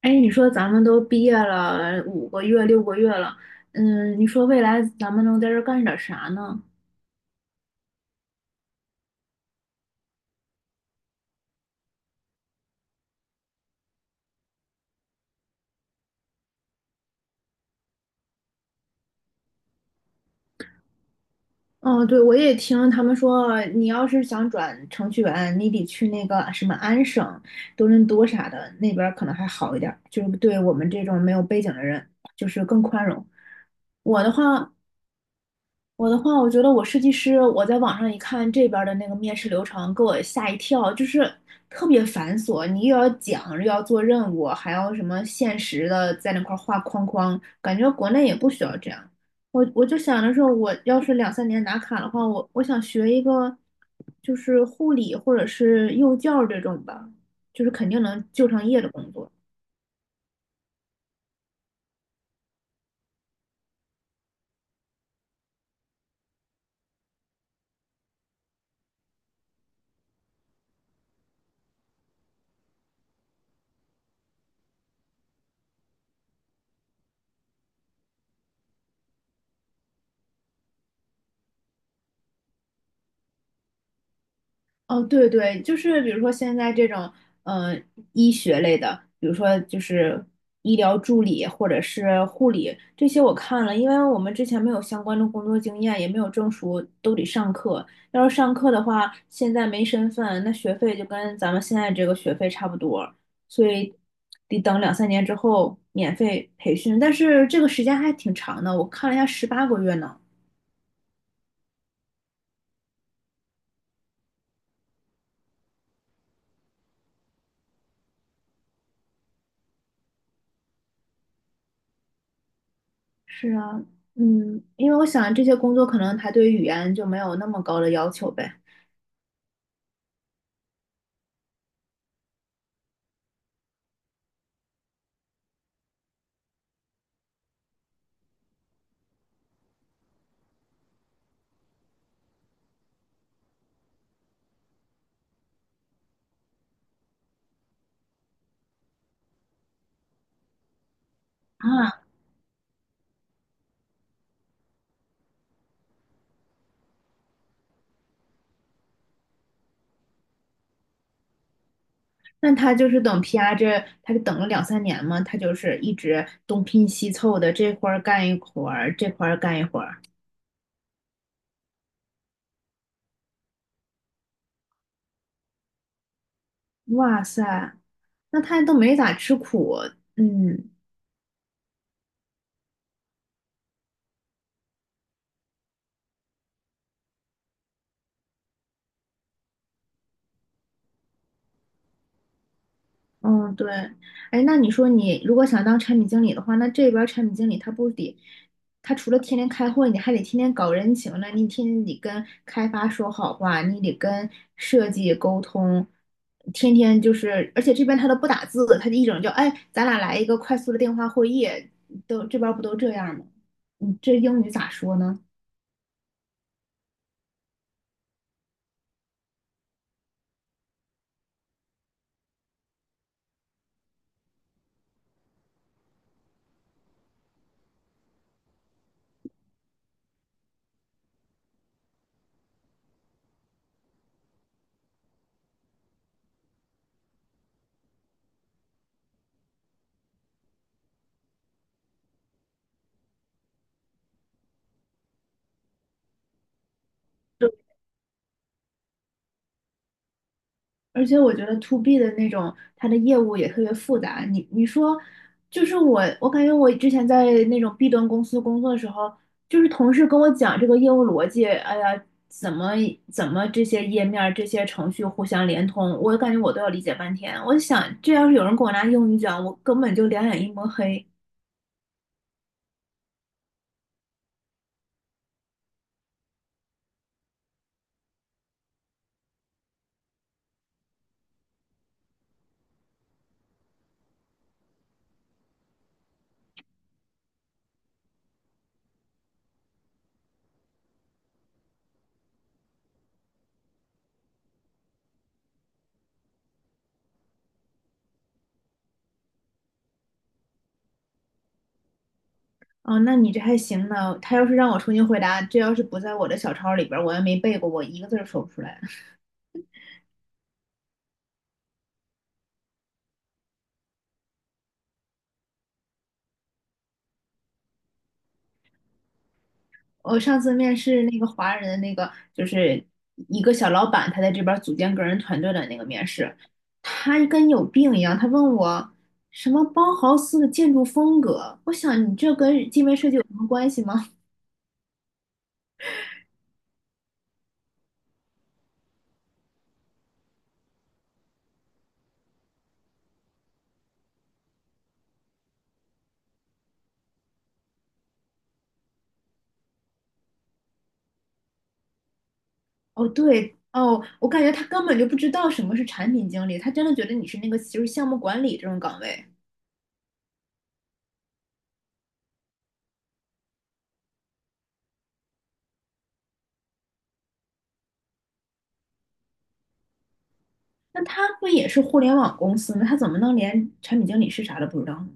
哎，你说咱们都毕业了5个月、6个月了，嗯，你说未来咱们能在这儿干点啥呢？哦，对，我也听他们说，你要是想转程序员，你得去那个什么安省、多伦多啥的，那边儿可能还好一点儿，就是对我们这种没有背景的人，就是更宽容。我的话，我的话，我觉得我设计师，我在网上一看这边儿的那个面试流程，给我吓一跳，就是特别繁琐，你又要讲，又要做任务，还要什么限时的在那块儿画框框，感觉国内也不需要这样。我就想着说，我要是两三年拿卡的话，我想学一个就是护理或者是幼教这种吧，就是肯定能就上业的工作。哦，对对，就是比如说现在这种，嗯、呃医学类的，比如说就是医疗助理或者是护理这些，我看了，因为我们之前没有相关的工作经验，也没有证书，都得上课。要是上课的话，现在没身份，那学费就跟咱们现在这个学费差不多，所以得等两三年之后免费培训。但是这个时间还挺长的，我看了一下，18个月呢。是啊，嗯，因为我想这些工作可能他对语言就没有那么高的要求呗。啊，那他就是等 PR 这，他就等了两三年嘛，他就是一直东拼西凑的，这块儿干一会儿，这块儿干一会儿。哇塞，那他都没咋吃苦，嗯。嗯，对，哎，那你说你如果想当产品经理的话，那这边儿产品经理他不得，他除了天天开会，你还得天天搞人情呢，你天天得跟开发说好话，你得跟设计沟通，天天就是，而且这边他都不打字，他就一整就，哎，咱俩来一个快速的电话会议，都这边儿不都这样吗？你这英语咋说呢？而且我觉得 to B 的那种，它的业务也特别复杂。你你说，就是我，我感觉我之前在那种 B 端公司工作的时候，就是同事跟我讲这个业务逻辑，哎呀，怎么这些页面儿、这些程序互相连通，我感觉我都要理解半天。我想，这要是有人给我拿英语讲，我根本就两眼一抹黑。啊。那你这还行呢。他要是让我重新回答，这要是不在我的小抄里边儿，我也没背过，我一个字儿说不出来。我上次面试那个华人的那个，就是一个小老板，他在这边儿组建个人团队的那个面试，他跟有病一样，他问我什么包豪斯的建筑风格，我想你这跟界面设计有什么关系吗？哦，对，哦，我感觉他根本就不知道什么是产品经理，他真的觉得你是那个就是项目管理这种岗位，那他不也是互联网公司吗？他怎么能连产品经理是啥都不知道呢？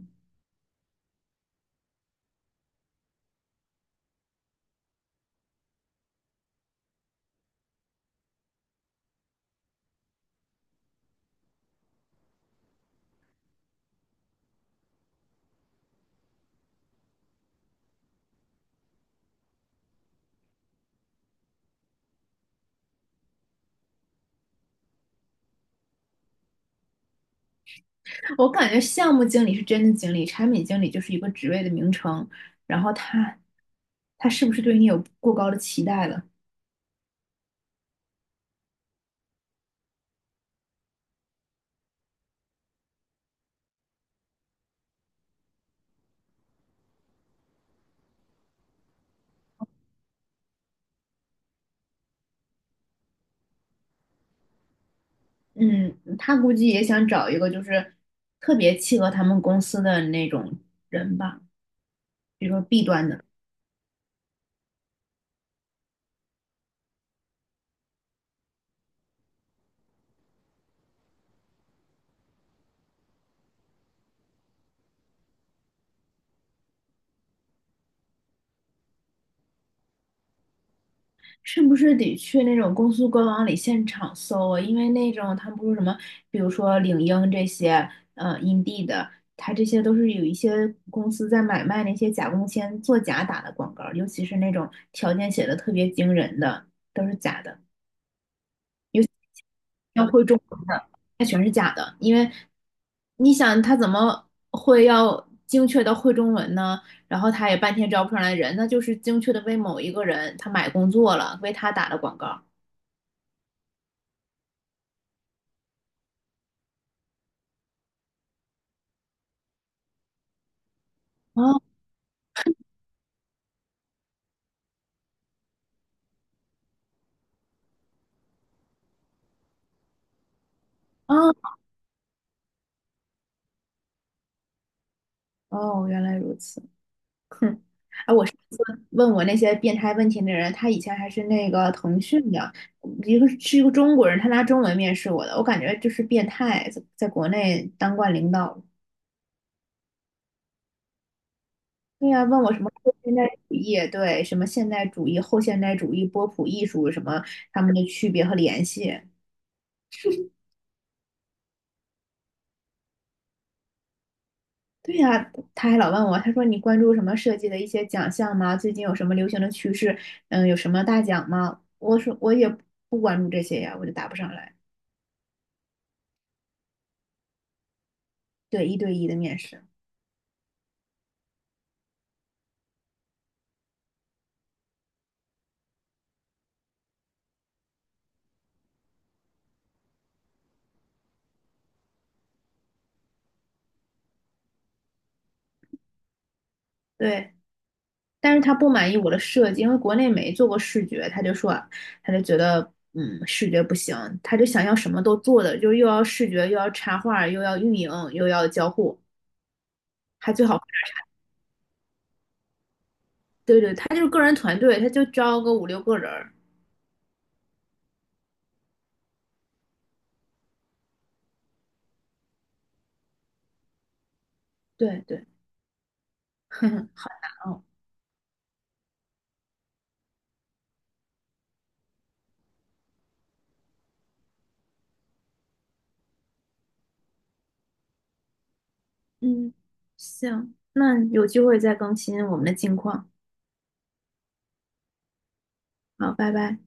我感觉项目经理是真的经理，产品经理就是一个职位的名称。然后他是不是对你有过高的期待了？嗯，他估计也想找一个就是特别契合他们公司的那种人吧，比如说 B 端的。是不是得去那种公司官网里现场搜啊？因为那种他不是什么，比如说领英这些，Indeed 的，它这些都是有一些公司在买卖那些假工签、作假打的广告尤其是那种条件写的特别惊人的，都是假的，要会中文的，它全是假的。因为你想他怎么会要精确到会中文呢？然后他也半天招不上来人，那就是精确的为某一个人他买工作了，为他打的广告啊啊。哦，原来如此。哼，问我那些变态问题的人，他以前还是那个腾讯的，一个是一个中国人，他拿中文面试我的，我感觉就是变态，在国内当惯领导。对呀、问我什么后现代主义，对，什么现代主义、后现代主义、波普艺术什么他们的区别和联系。对呀、他还老问我，他说你关注什么设计的一些奖项吗？最近有什么流行的趋势？嗯，有什么大奖吗？我说我也不关注这些呀，我就答不上来。对，一对一的面试。对，但是他不满意我的设计，因为国内没做过视觉，他就说，他就觉得，嗯，视觉不行，他就想要什么都做的，就又要视觉，又要插画，又要运营，又要交互，还最好，对对，他就是个人团队，他就招个五六个人儿，对对，哼哼，好难哦，嗯，行，那有机会再更新我们的近况，好，拜拜。